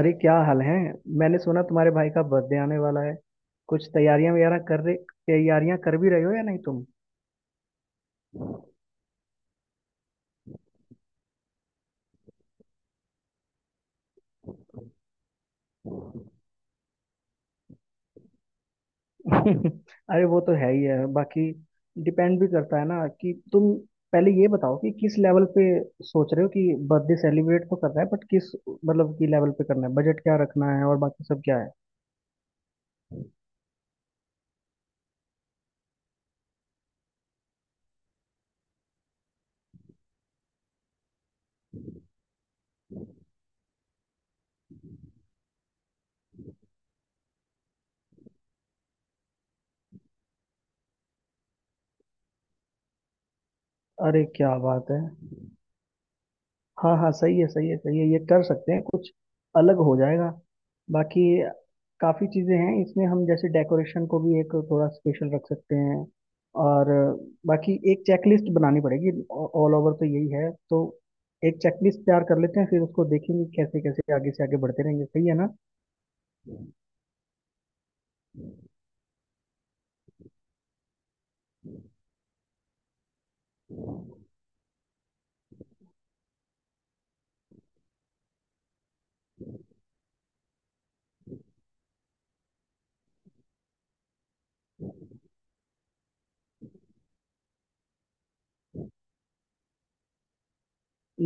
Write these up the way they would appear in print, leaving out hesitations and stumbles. अरे क्या हाल है। मैंने सुना तुम्हारे भाई का बर्थडे आने वाला है। कुछ तैयारियां वगैरह कर रहे? तैयारियां कर भी रहे हो या नहीं तुम? अरे वो तो है ही है। बाकी डिपेंड भी करता है ना कि तुम पहले ये बताओ कि किस लेवल पे सोच रहे हो कि बर्थडे सेलिब्रेट तो करना है, बट किस मतलब की लेवल पे करना है, बजट क्या रखना है और बाकी सब क्या है। अरे क्या बात है। हाँ हाँ, सही है सही है सही है। ये कर सकते हैं, कुछ अलग हो जाएगा। बाकी काफ़ी चीज़ें हैं इसमें, हम जैसे डेकोरेशन को भी एक थोड़ा स्पेशल रख सकते हैं। और बाकी एक चेकलिस्ट बनानी पड़ेगी। ऑल ओवर तो यही है, तो एक चेकलिस्ट तैयार कर लेते हैं, फिर उसको देखेंगे कैसे कैसे आगे से आगे बढ़ते रहेंगे। सही है ना?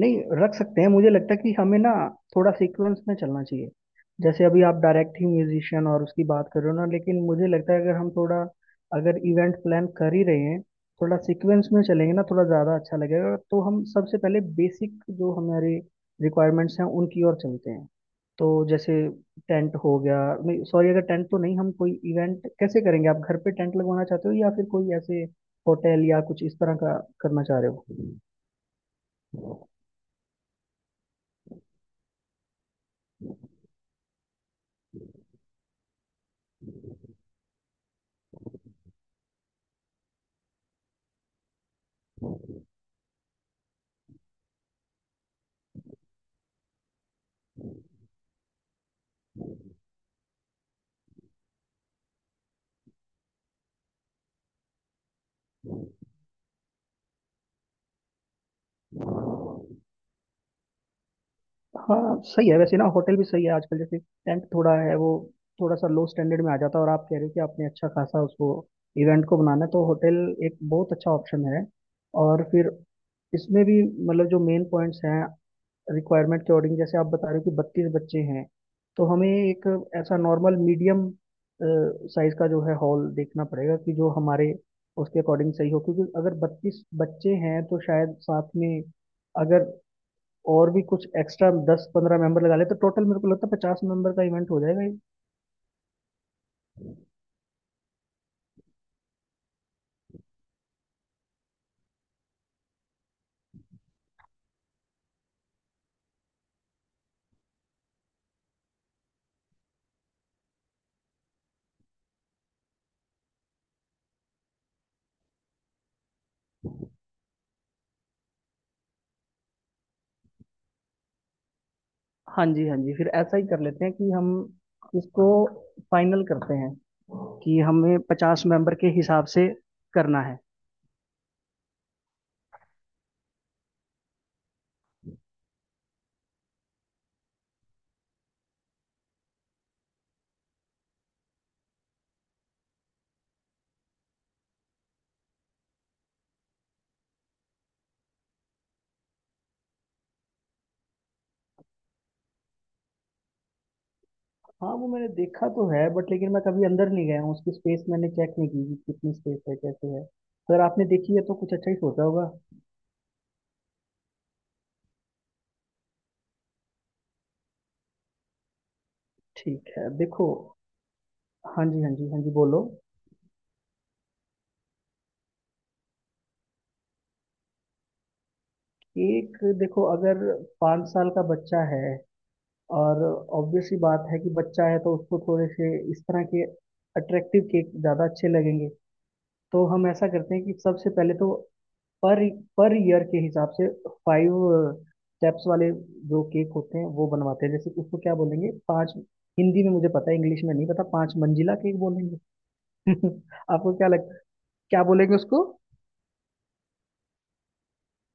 नहीं, रख सकते हैं। मुझे लगता है कि हमें ना थोड़ा सीक्वेंस में चलना चाहिए। जैसे अभी आप डायरेक्ट ही म्यूजिशियन और उसकी बात कर रहे हो ना, लेकिन मुझे लगता है अगर हम थोड़ा, अगर इवेंट प्लान कर ही रहे हैं, थोड़ा सीक्वेंस में चलेंगे ना थोड़ा ज़्यादा अच्छा लगेगा। तो हम सबसे पहले बेसिक जो हमारे रिक्वायरमेंट्स हैं उनकी ओर चलते हैं। तो जैसे टेंट हो गया, नहीं सॉरी, अगर टेंट तो नहीं हम कोई इवेंट कैसे करेंगे। आप घर पे टेंट लगवाना चाहते हो या फिर कोई ऐसे होटल या कुछ इस तरह का करना चाह रहे हो? हाँ सही है, वैसे ना होटल भी सही है। आजकल जैसे टेंट थोड़ा है वो, थोड़ा सा लो स्टैंडर्ड में आ जाता है, और आप कह रहे हो कि आपने अच्छा खासा उसको इवेंट को बनाना है, तो होटल एक बहुत अच्छा ऑप्शन है। और फिर इसमें भी, मतलब जो मेन पॉइंट्स हैं रिक्वायरमेंट के अकॉर्डिंग, जैसे आप बता रहे हो कि बत्तीस बच्चे हैं, तो हमें एक ऐसा नॉर्मल मीडियम साइज का जो है हॉल देखना पड़ेगा कि जो हमारे उसके अकॉर्डिंग सही हो। क्योंकि अगर बत्तीस बच्चे हैं तो शायद साथ में, अगर और भी कुछ एक्स्ट्रा दस पंद्रह मेंबर लगा ले, तो टोटल मेरे को लगता है पचास मेंबर का इवेंट हो जाएगा ये। हाँ जी हाँ जी, फिर ऐसा ही कर लेते हैं कि हम इसको फाइनल करते हैं कि हमें पचास मेंबर के हिसाब से करना है। हाँ वो मैंने देखा तो है बट, लेकिन मैं कभी अंदर नहीं गया हूँ। उसकी स्पेस मैंने चेक नहीं की कि कितनी स्पेस है कैसे है। तो अगर आपने देखी है तो कुछ अच्छा ही सोचा होगा। ठीक है देखो। हाँ जी हाँ जी हाँ जी, बोलो। केक देखो, अगर पाँच साल का बच्चा है और ऑब्वियस सी बात है कि बच्चा है, तो उसको थोड़े से इस तरह के अट्रैक्टिव केक ज़्यादा अच्छे लगेंगे। तो हम ऐसा करते हैं कि सबसे पहले तो, पर पर ईयर के हिसाब से फाइव स्टेप्स वाले जो केक होते हैं वो बनवाते हैं। जैसे उसको क्या बोलेंगे, पांच, हिंदी में मुझे पता है इंग्लिश में नहीं पता, पांच मंजिला केक बोलेंगे। आपको क्या लग, क्या बोलेंगे उसको?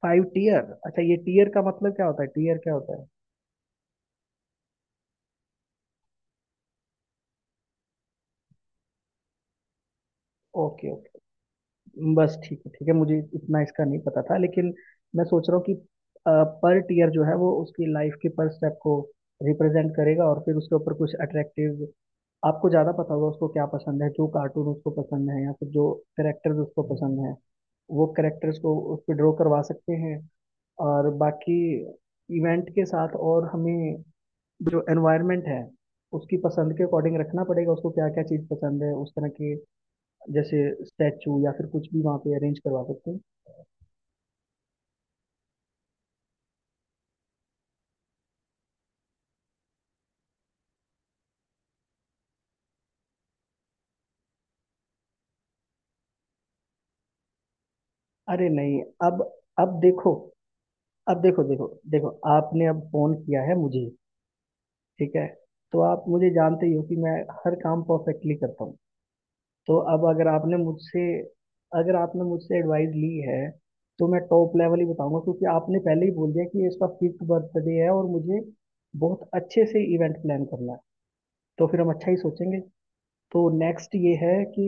Five tier. अच्छा, ये टीयर का मतलब क्या होता है? टीयर क्या होता है? ओके। बस ठीक है ठीक है, मुझे इतना इसका नहीं पता था। लेकिन मैं सोच रहा हूँ कि पर टीयर जो है वो उसकी लाइफ के पर स्टेप को रिप्रेजेंट करेगा। और फिर उसके ऊपर कुछ अट्रैक्टिव, आपको ज़्यादा पता होगा उसको क्या पसंद है, जो कार्टून उसको पसंद है या फिर जो करेक्टर्स उसको पसंद है, वो करेक्टर्स को उस पर ड्रॉ करवा सकते हैं। और बाकी इवेंट के साथ, और हमें जो एनवायरनमेंट है उसकी पसंद के अकॉर्डिंग रखना पड़ेगा, उसको क्या क्या चीज़ पसंद है उस तरह के, जैसे स्टैचू या फिर कुछ भी वहाँ पे अरेंज करवा सकते हैं। अरे नहीं, अब, अब देखो, अब देखो देखो देखो आपने अब फोन किया है मुझे, ठीक है, तो आप मुझे जानते ही हो कि मैं हर काम परफेक्टली करता हूँ। तो अब अगर आपने मुझसे एडवाइस ली है, तो मैं टॉप लेवल ही बताऊंगा। क्योंकि आपने पहले ही बोल दिया कि ये इसका फिफ्थ बर्थडे है और मुझे बहुत अच्छे से इवेंट प्लान करना है, तो फिर हम अच्छा ही सोचेंगे। तो नेक्स्ट ये है कि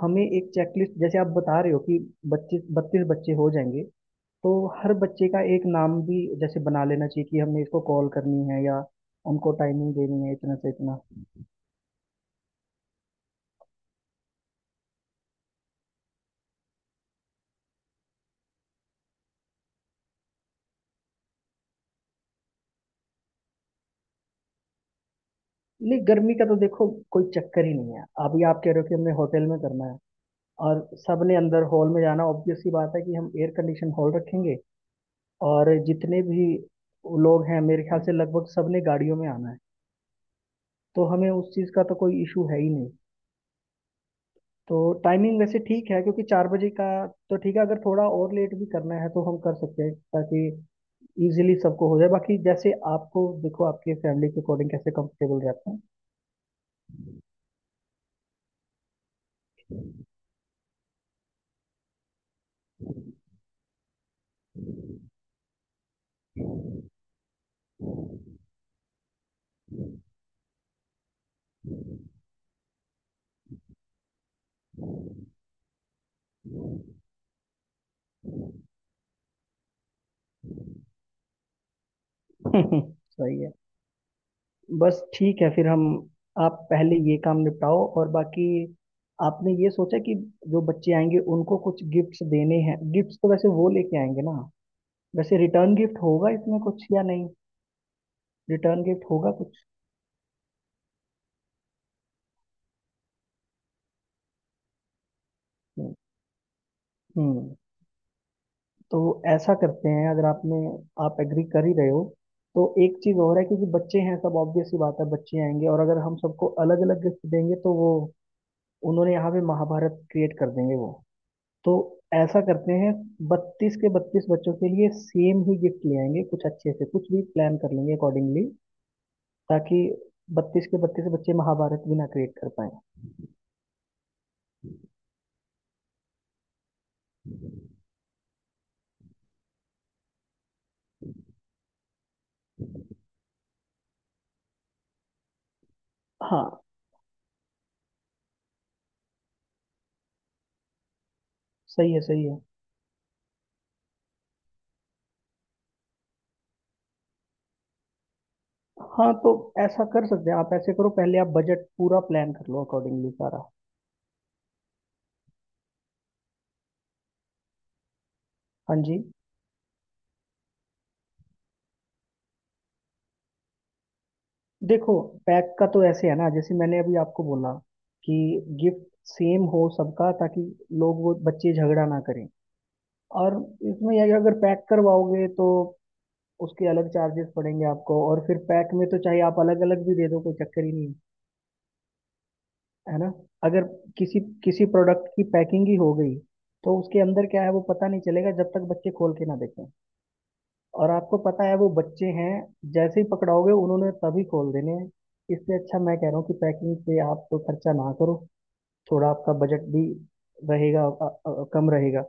हमें एक चेकलिस्ट, जैसे आप बता रहे हो कि बच्चे बत्तीस बच्चे हो जाएंगे, तो हर बच्चे का एक नाम भी जैसे बना लेना चाहिए कि हमें इसको कॉल करनी है या उनको टाइमिंग देनी है इतना से इतना। नहीं, गर्मी का तो देखो कोई चक्कर ही नहीं है। अभी आप कह रहे हो कि हमने होटल में करना है और सबने अंदर हॉल में जाना, ऑब्वियस सी बात है कि हम एयर कंडीशन हॉल रखेंगे। और जितने भी लोग हैं मेरे ख्याल से लगभग सबने गाड़ियों में आना है, तो हमें उस चीज़ का तो कोई इशू है ही नहीं। तो टाइमिंग वैसे ठीक है, क्योंकि चार बजे का तो ठीक है। अगर थोड़ा और लेट भी करना है तो हम कर सकते हैं, ताकि इजीली सबको हो जाए। बाकी जैसे आपको देखो, आपके फैमिली के अकॉर्डिंग कैसे कंफर्टेबल रहते हैं। सही है। बस ठीक है, फिर हम, आप पहले ये काम निपटाओ। और बाकी, आपने ये सोचा कि जो बच्चे आएंगे उनको कुछ गिफ्ट्स देने हैं? गिफ्ट्स तो वैसे वो लेके आएंगे ना, वैसे रिटर्न गिफ्ट होगा इसमें कुछ या नहीं? रिटर्न गिफ्ट होगा कुछ? नहीं। हम्म, तो ऐसा करते हैं। अगर आपने, आप एग्री कर ही रहे हो, तो एक चीज़ और है। क्योंकि बच्चे हैं सब, ऑब्वियस सी बात है बच्चे आएंगे, और अगर हम सबको अलग अलग गिफ्ट देंगे तो वो उन्होंने यहाँ पे महाभारत क्रिएट कर देंगे वो। तो ऐसा करते हैं, बत्तीस के बत्तीस बच्चों के लिए सेम ही गिफ्ट ले आएंगे, कुछ अच्छे से कुछ भी प्लान कर लेंगे अकॉर्डिंगली, ताकि बत्तीस के बत्तीस बच्चे महाभारत भी ना क्रिएट कर पाए। हाँ सही है सही है। हाँ तो ऐसा कर सकते हैं, आप ऐसे करो, पहले आप बजट पूरा प्लान कर लो अकॉर्डिंगली सारा। हाँ जी। देखो, पैक का तो ऐसे है ना, जैसे मैंने अभी आपको बोला कि गिफ्ट सेम हो सबका ताकि लोग, वो बच्चे झगड़ा ना करें। और इसमें यह है कि अगर पैक करवाओगे तो उसके अलग चार्जेस पड़ेंगे आपको, और फिर पैक में तो चाहे आप अलग अलग भी दे दो कोई चक्कर ही नहीं है। है ना? अगर किसी किसी प्रोडक्ट की पैकिंग ही हो गई तो उसके अंदर क्या है वो पता नहीं चलेगा जब तक बच्चे खोल के ना देखें। और आपको पता है वो बच्चे हैं, जैसे ही पकड़ाओगे उन्होंने तभी खोल देने हैं। इससे अच्छा मैं कह रहा हूँ कि पैकिंग पे आप तो खर्चा ना करो। थोड़ा आपका बजट भी रहेगा कम रहेगा।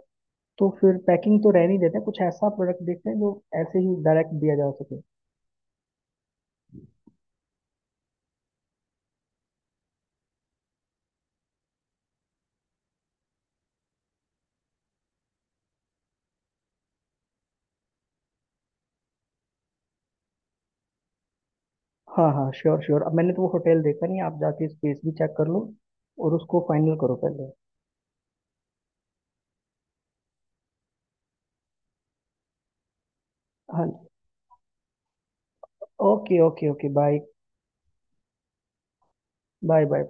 तो फिर पैकिंग तो रहने ही देते हैं, कुछ ऐसा प्रोडक्ट देखते हैं जो ऐसे ही डायरेक्ट दिया जा सके। हाँ हाँ श्योर श्योर, अब मैंने तो वो होटल देखा नहीं, आप जाके स्पेस भी चेक कर लो और उसको फाइनल करो पहले। हाँ okay okay okay, bye. Bye bye.